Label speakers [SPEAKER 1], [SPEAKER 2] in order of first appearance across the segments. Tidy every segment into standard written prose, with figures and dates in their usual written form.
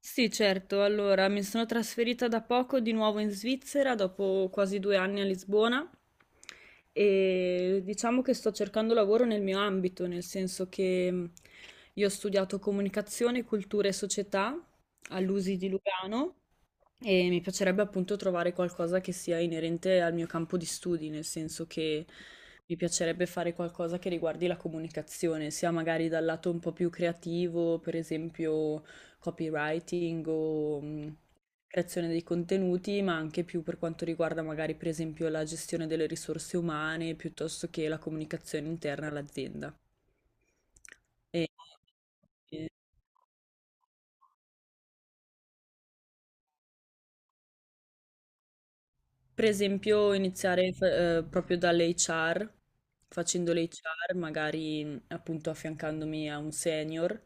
[SPEAKER 1] Sì, certo. Allora, mi sono trasferita da poco di nuovo in Svizzera, dopo quasi 2 anni a Lisbona, e diciamo che sto cercando lavoro nel mio ambito, nel senso che io ho studiato comunicazione, cultura e società all'USI di Lugano e mi piacerebbe appunto trovare qualcosa che sia inerente al mio campo di studi, nel senso che mi piacerebbe fare qualcosa che riguardi la comunicazione, sia magari dal lato un po' più creativo, per esempio copywriting o creazione dei contenuti, ma anche più per quanto riguarda magari per esempio la gestione delle risorse umane, piuttosto che la comunicazione interna all'azienda. E- Per esempio, iniziare proprio dall'HR, facendo l'HR, magari appunto affiancandomi a un senior,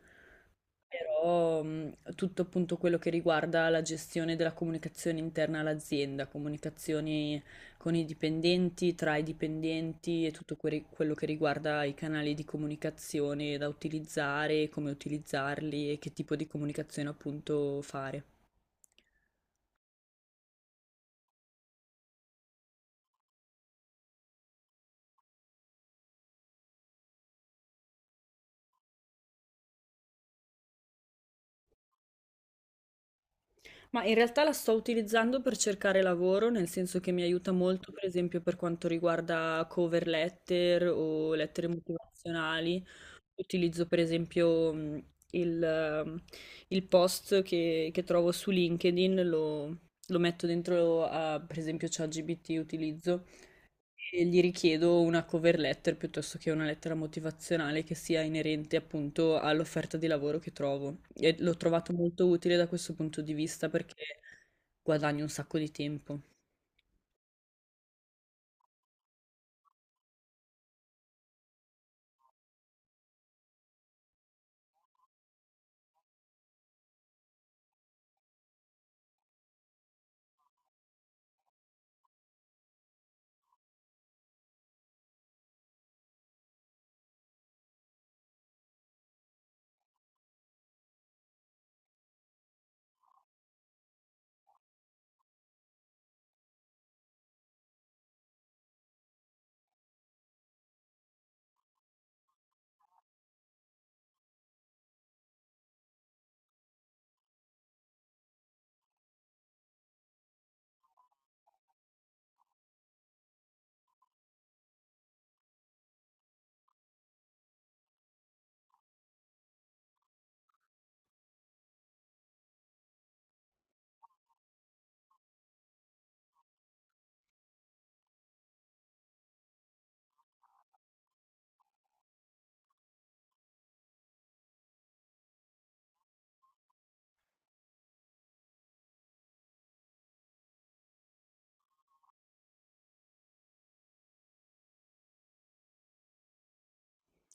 [SPEAKER 1] però tutto appunto quello che riguarda la gestione della comunicazione interna all'azienda, comunicazioni con i dipendenti, tra i dipendenti e tutto quello che riguarda i canali di comunicazione da utilizzare, come utilizzarli e che tipo di comunicazione appunto fare. Ma in realtà la sto utilizzando per cercare lavoro, nel senso che mi aiuta molto, per esempio, per quanto riguarda cover letter o lettere motivazionali. Utilizzo, per esempio, il, ehm, il post che trovo su LinkedIn, lo metto dentro a, per esempio, ChatGPT utilizzo e gli richiedo una cover letter piuttosto che una lettera motivazionale che sia inerente appunto all'offerta di lavoro che trovo. E l'ho trovato molto utile da questo punto di vista perché guadagno un sacco di tempo.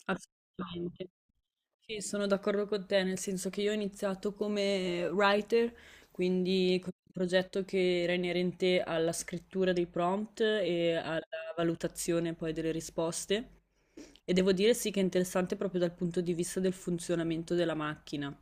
[SPEAKER 1] Assolutamente. Sì, sono d'accordo con te, nel senso che io ho iniziato come writer, quindi con un progetto che era inerente alla scrittura dei prompt e alla valutazione poi delle risposte. E devo dire sì che è interessante proprio dal punto di vista del funzionamento della macchina.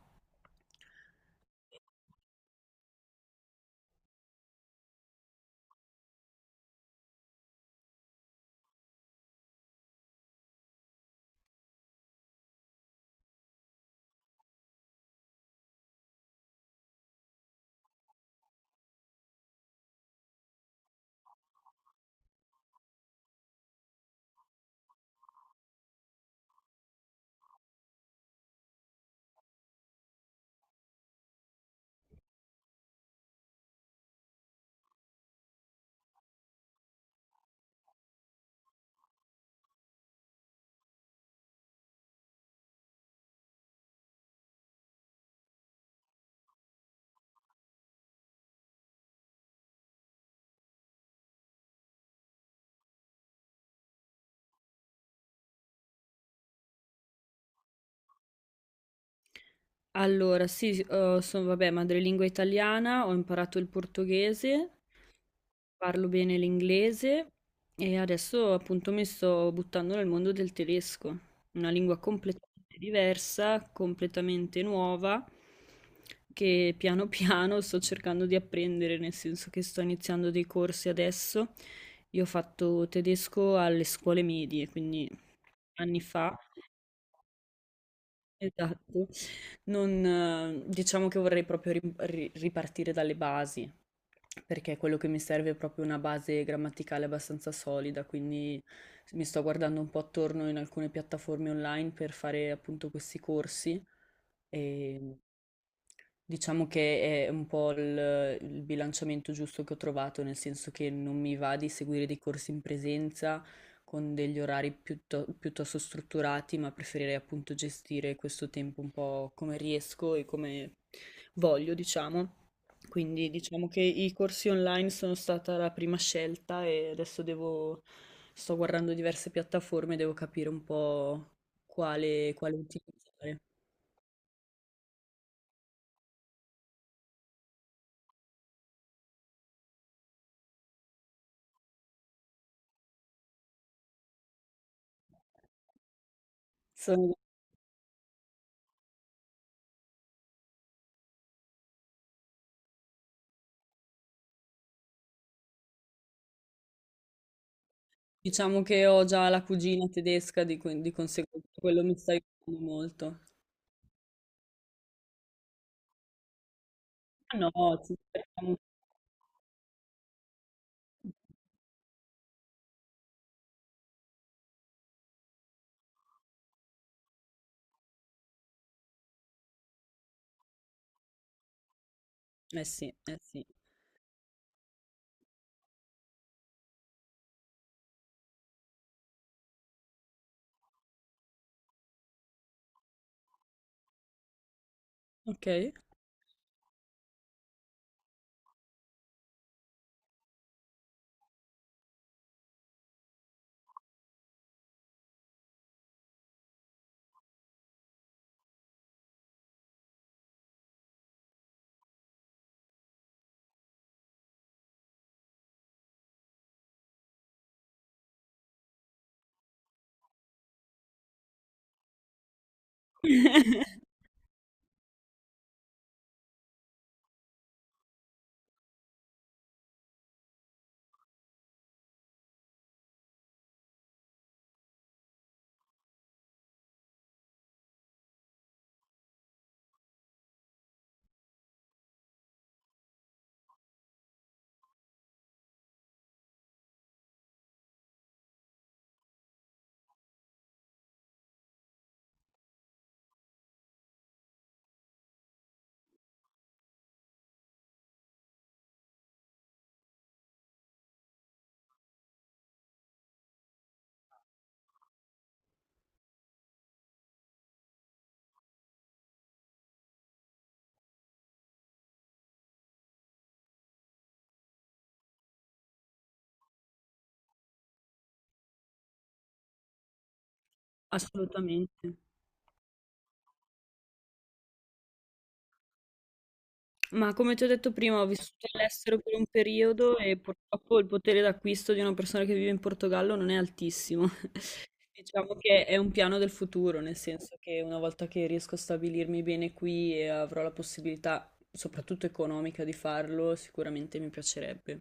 [SPEAKER 1] Allora, sì, s sono vabbè, madrelingua italiana, ho imparato il portoghese, parlo bene l'inglese e adesso appunto mi sto buttando nel mondo del tedesco, una lingua completamente diversa, completamente nuova, che piano piano sto cercando di apprendere, nel senso che sto iniziando dei corsi adesso. Io ho fatto tedesco alle scuole medie, quindi anni fa, esatto. Non, diciamo che vorrei proprio ripartire dalle basi, perché quello che mi serve è proprio una base grammaticale abbastanza solida, quindi mi sto guardando un po' attorno in alcune piattaforme online per fare appunto questi corsi e diciamo che è un po' il bilanciamento giusto che ho trovato, nel senso che non mi va di seguire dei corsi in presenza con degli orari piuttosto strutturati, ma preferirei appunto gestire questo tempo un po' come riesco e come voglio, diciamo. Quindi diciamo che i corsi online sono stata la prima scelta e adesso devo, sto guardando diverse piattaforme, devo capire un po' quale utilizzare. Diciamo che ho già la cugina tedesca, di conseguenza quello mi sta aiutando molto. Ah no, ci scherziamo. Eh sì, eh sì. Ok. Assolutamente. Ma come ti ho detto prima, ho vissuto all'estero per un periodo e purtroppo il potere d'acquisto di una persona che vive in Portogallo non è altissimo. Diciamo che è un piano del futuro, nel senso che una volta che riesco a stabilirmi bene qui e avrò la possibilità, soprattutto economica, di farlo, sicuramente mi piacerebbe.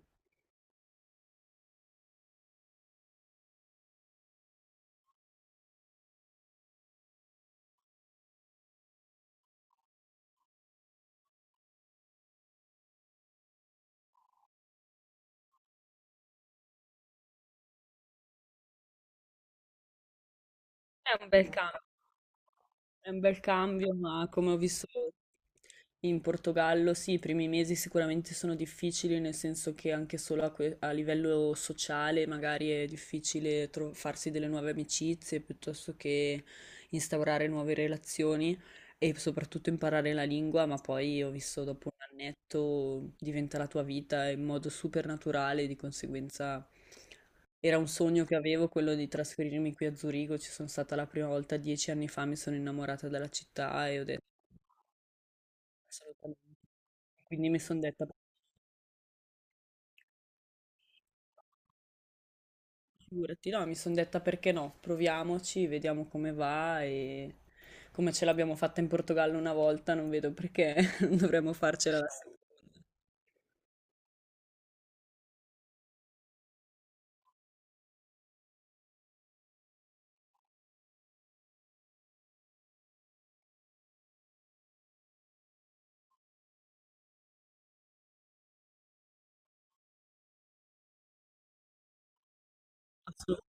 [SPEAKER 1] È un bel cambio, è un bel cambio, ma come ho visto in Portogallo, sì, i primi mesi sicuramente sono difficili, nel senso che anche solo a, a livello sociale magari è difficile farsi delle nuove amicizie piuttosto che instaurare nuove relazioni e soprattutto imparare la lingua, ma poi ho visto dopo un annetto diventa la tua vita in modo super naturale, di conseguenza. Era un sogno che avevo quello di trasferirmi qui a Zurigo, ci sono stata la prima volta 10 anni fa, mi sono innamorata della città e ho detto assolutamente. Quindi mi sono detta, figurati, no, mi sono detta perché no, proviamoci, vediamo come va e come ce l'abbiamo fatta in Portogallo una volta, non vedo perché non dovremmo farcela la seconda. Assolutamente.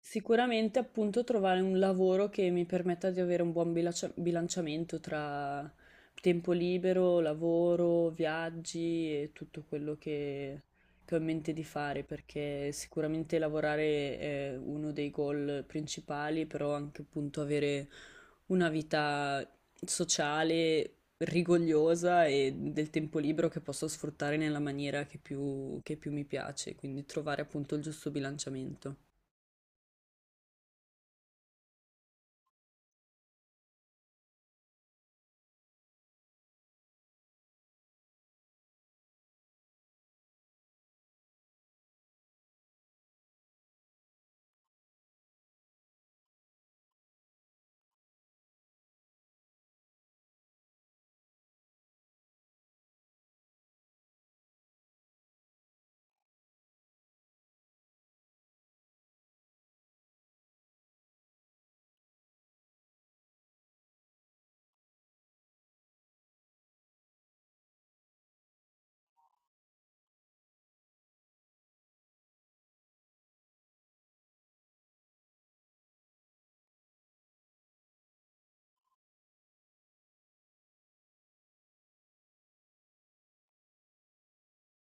[SPEAKER 1] Sicuramente appunto trovare un lavoro che mi permetta di avere un buon bilanciamento tra tempo libero, lavoro, viaggi e tutto quello che ho in mente di fare, perché sicuramente lavorare è uno dei goal principali, però anche appunto avere una vita sociale, rigogliosa e del tempo libero che posso sfruttare nella maniera che più mi piace, quindi trovare appunto il giusto bilanciamento.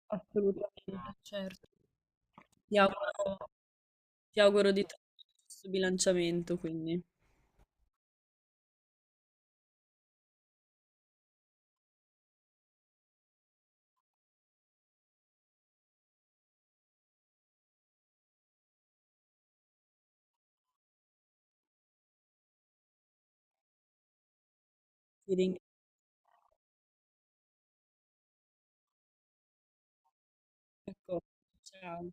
[SPEAKER 1] Assolutamente, certo. Ti auguro, ti auguro di trovare il giusto bilanciamento, quindi ti ringrazio ancora. Ciao.